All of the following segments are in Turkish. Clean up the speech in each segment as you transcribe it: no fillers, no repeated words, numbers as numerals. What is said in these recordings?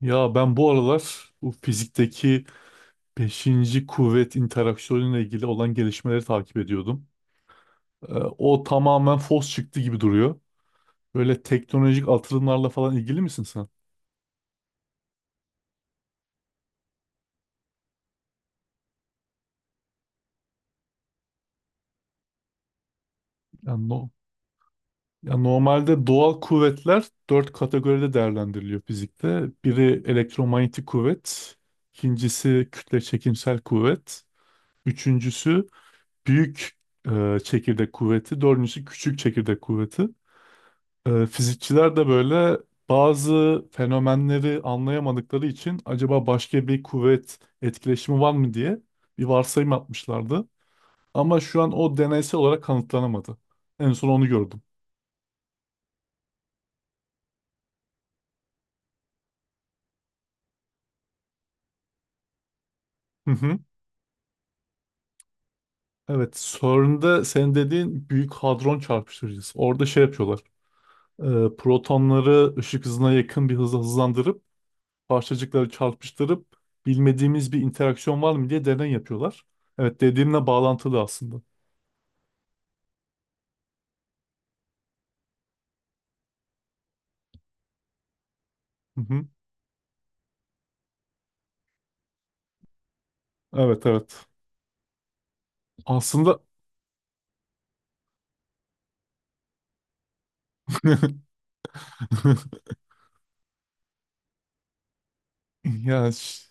Ya ben bu aralar bu fizikteki beşinci kuvvet interaksiyonuyla ilgili olan gelişmeleri takip ediyordum. O tamamen fos çıktı gibi duruyor. Böyle teknolojik atılımlarla falan ilgili misin sen? Yani, no, ya normalde doğal kuvvetler 4 kategoride değerlendiriliyor fizikte. Biri elektromanyetik kuvvet, ikincisi kütle çekimsel kuvvet, üçüncüsü büyük çekirdek kuvveti, dördüncüsü küçük çekirdek kuvveti. Fizikçiler de böyle bazı fenomenleri anlayamadıkları için acaba başka bir kuvvet etkileşimi var mı diye bir varsayım atmışlardı. Ama şu an o deneysel olarak kanıtlanamadı. En son onu gördüm. Hı hı. Evet, CERN'de senin dediğin Büyük Hadron Çarpıştırıcısı. Orada şey yapıyorlar. Protonları ışık hızına yakın bir hızla hızlandırıp parçacıkları çarpıştırıp bilmediğimiz bir interaksiyon var mı diye deney yapıyorlar. Evet, dediğimle bağlantılı aslında. Hı hı. Evet, evet. Aslında ya ş-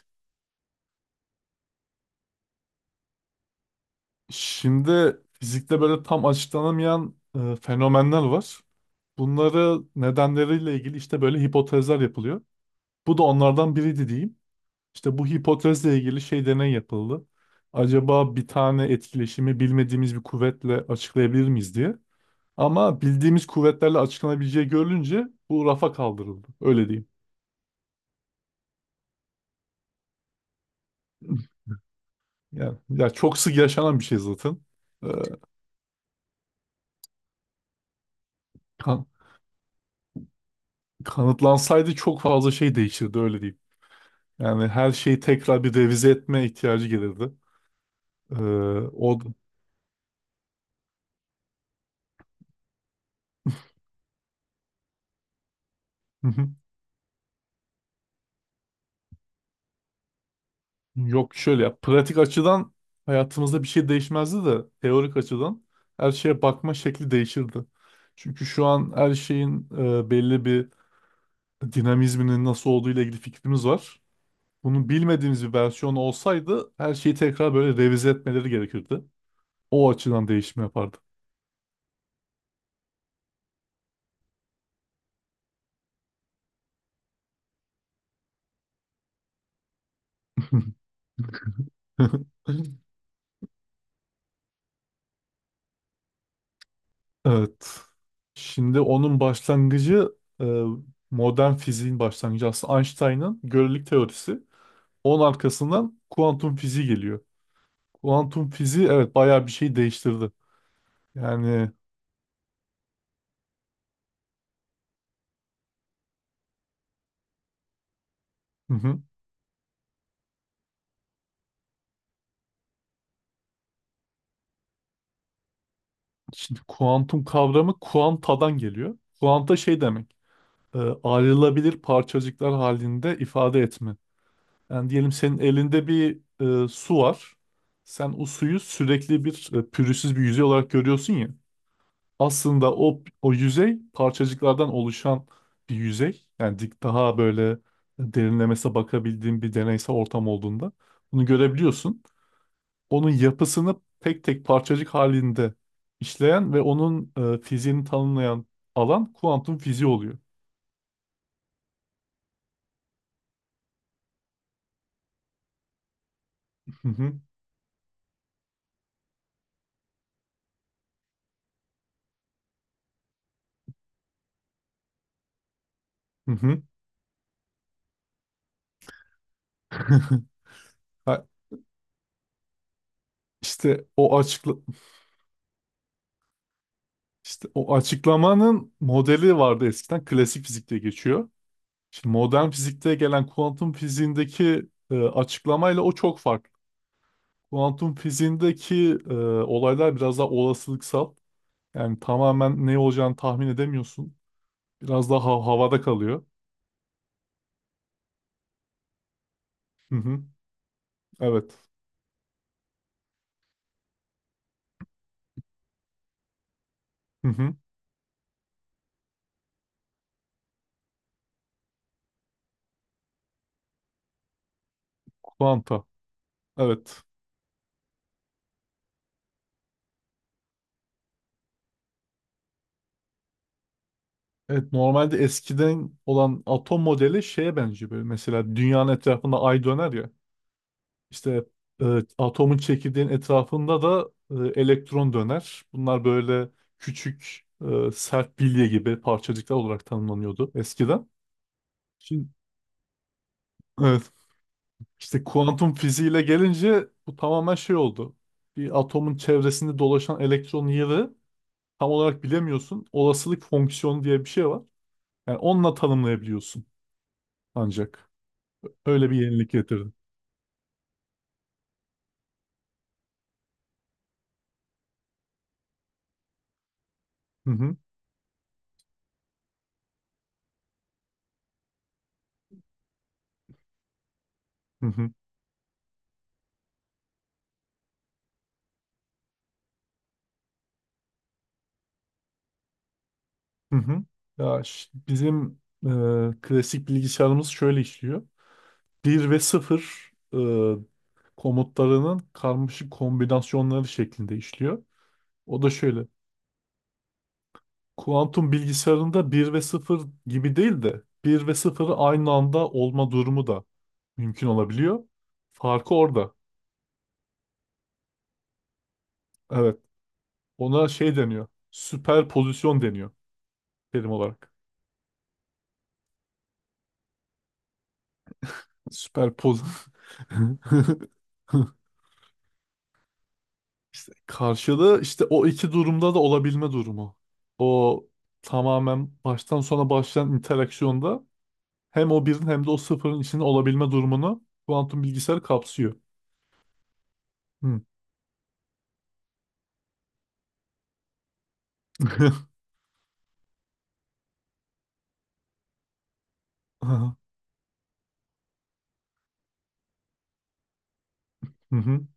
şimdi fizikte böyle tam açıklanamayan fenomenler var. Bunları nedenleriyle ilgili işte böyle hipotezler yapılıyor. Bu da onlardan biriydi diyeyim. İşte bu hipotezle ilgili şey deney yapıldı. Acaba bir tane etkileşimi bilmediğimiz bir kuvvetle açıklayabilir miyiz diye. Ama bildiğimiz kuvvetlerle açıklanabileceği görülünce bu rafa kaldırıldı. Öyle diyeyim. Yani, ya çok sık yaşanan bir şey zaten. Ee, Kanıtlansaydı çok fazla şey değişirdi öyle diyeyim. Yani her şeyi tekrar bir revize etme ihtiyacı gelirdi. Ee, o Hı hı. Yok, şöyle, ya pratik açıdan hayatımızda bir şey değişmezdi de teorik açıdan her şeye bakma şekli değişirdi. Çünkü şu an her şeyin belli bir dinamizminin nasıl olduğu ile ilgili fikrimiz var. Bunu bilmediğimiz bir versiyon olsaydı her şeyi tekrar böyle revize etmeleri gerekirdi. O açıdan değişim yapardı. Evet. Şimdi onun başlangıcı, e, modern fiziğin başlangıcı aslında Einstein'ın görelilik teorisi. Onun arkasından kuantum fiziği geliyor. Kuantum fiziği evet bayağı bir şey değiştirdi. Yani hı hı. Şimdi kuantum kavramı kuantadan geliyor. Kuanta şey demek. e, Ayrılabilir parçacıklar halinde ifade etme. Yani diyelim senin elinde bir su var. Sen o suyu sürekli bir, pürüzsüz bir yüzey olarak görüyorsun ya. Aslında o yüzey parçacıklardan oluşan bir yüzey. Yani dik daha böyle derinlemesine bakabildiğin bir deneysel ortam olduğunda bunu görebiliyorsun. Onun yapısını tek tek parçacık halinde işleyen ve onun fiziğini tanımlayan alan kuantum fiziği oluyor. Hı hı. Hı hı. Ha, İşte o açıkla işte o açıklamanın modeli vardı eskiden klasik fizikte geçiyor. Şimdi modern fizikte gelen kuantum fiziğindeki açıklamayla o çok farklı. Kuantum fiziğindeki olaylar biraz daha olasılıksal. Yani tamamen ne olacağını tahmin edemiyorsun. Biraz daha havada kalıyor. Hı hı. Evet. Hı hı. Kuanta. Evet. Evet, normalde eskiden olan atom modeli şeye benziyor böyle. Mesela dünyanın etrafında ay döner ya. İşte e, atomun çekirdeğin etrafında da elektron döner. Bunlar böyle küçük, sert bilye gibi parçacıklar olarak tanımlanıyordu eskiden. Şimdi, evet, işte kuantum fiziğiyle gelince bu tamamen şey oldu. Bir atomun çevresinde dolaşan elektron yeri tam olarak bilemiyorsun. Olasılık fonksiyonu diye bir şey var. Yani onunla tanımlayabiliyorsun ancak. Öyle bir yenilik getirdim. Hı hı. Hı hı. Hı hı. Bizim klasik bilgisayarımız şöyle işliyor. Bir ve sıfır komutlarının karmaşık kombinasyonları şeklinde işliyor. O da şöyle. Kuantum bilgisayarında bir ve sıfır gibi değil de bir ve sıfırı aynı anda olma durumu da mümkün olabiliyor. Farkı orada. Evet. Ona şey deniyor. Süper pozisyon deniyor terim olarak. Süper poz. İşte karşılığı, işte o iki durumda da olabilme durumu. O tamamen baştan sona başlayan interaksiyonda hem o birin hem de o sıfırın içinde olabilme durumunu kuantum bilgisayar kapsıyor. Hı. Aha. Hı hı.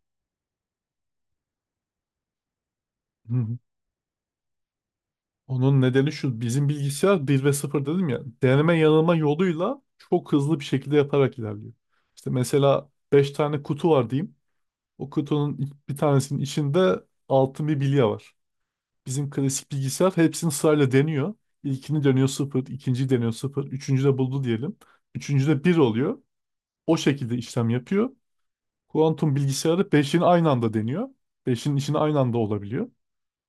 Hı hı. Onun nedeni şu, bizim bilgisayar bir ve sıfır dedim ya, deneme yanılma yoluyla çok hızlı bir şekilde yaparak ilerliyor. İşte mesela 5 tane kutu var diyeyim. O kutunun bir tanesinin içinde altın bir bilye var. Bizim klasik bilgisayar hepsini sırayla deniyor. İlkini deniyor sıfır, ikinciyi deniyor sıfır, üçüncü de buldu diyelim. Üçüncü de bir oluyor. O şekilde işlem yapıyor. Kuantum bilgisayarı beşin aynı anda deniyor. Beşin içinde aynı anda olabiliyor.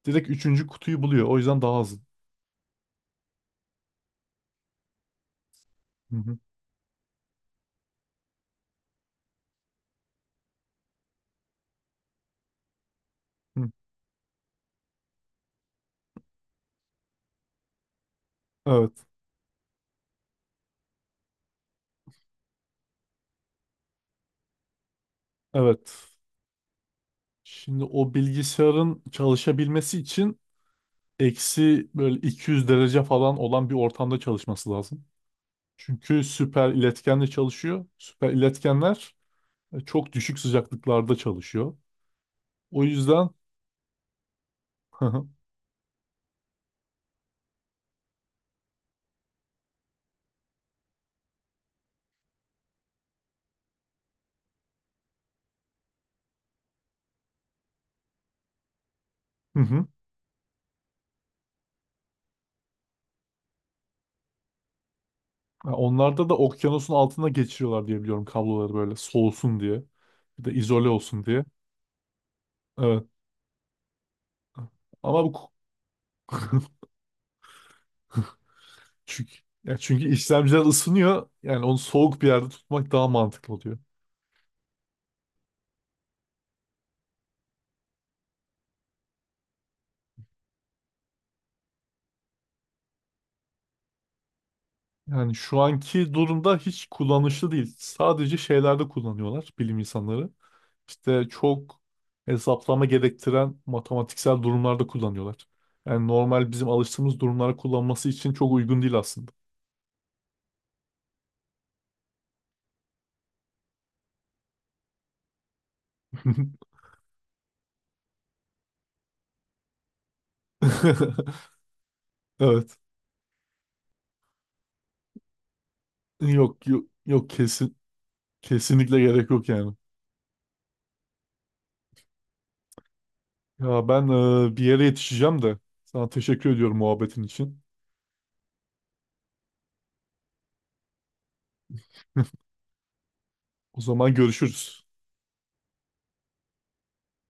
Direkt üçüncü kutuyu buluyor. O yüzden daha hızlı. Hı hı. Hı. Evet, evet. Şimdi o bilgisayarın çalışabilmesi için eksi böyle 200 derece falan olan bir ortamda çalışması lazım. Çünkü süper iletkenle çalışıyor. Süper iletkenler çok düşük sıcaklıklarda çalışıyor. O yüzden hı hı. Ya onlarda da okyanusun altına geçiriyorlar diye biliyorum kabloları, böyle soğusun diye. Bir de izole olsun diye. Evet. Ama bu ku- çünkü, ya çünkü işlemciler ısınıyor. Yani onu soğuk bir yerde tutmak daha mantıklı oluyor. Yani şu anki durumda hiç kullanışlı değil. Sadece şeylerde kullanıyorlar bilim insanları. İşte çok hesaplama gerektiren matematiksel durumlarda kullanıyorlar. Yani normal bizim alıştığımız durumlara kullanması için çok uygun değil aslında. Evet. Yok yok, yok, kesin kesinlikle gerek yok yani. Ya ben, bir yere yetişeceğim de sana teşekkür ediyorum muhabbetin için. O zaman görüşürüz.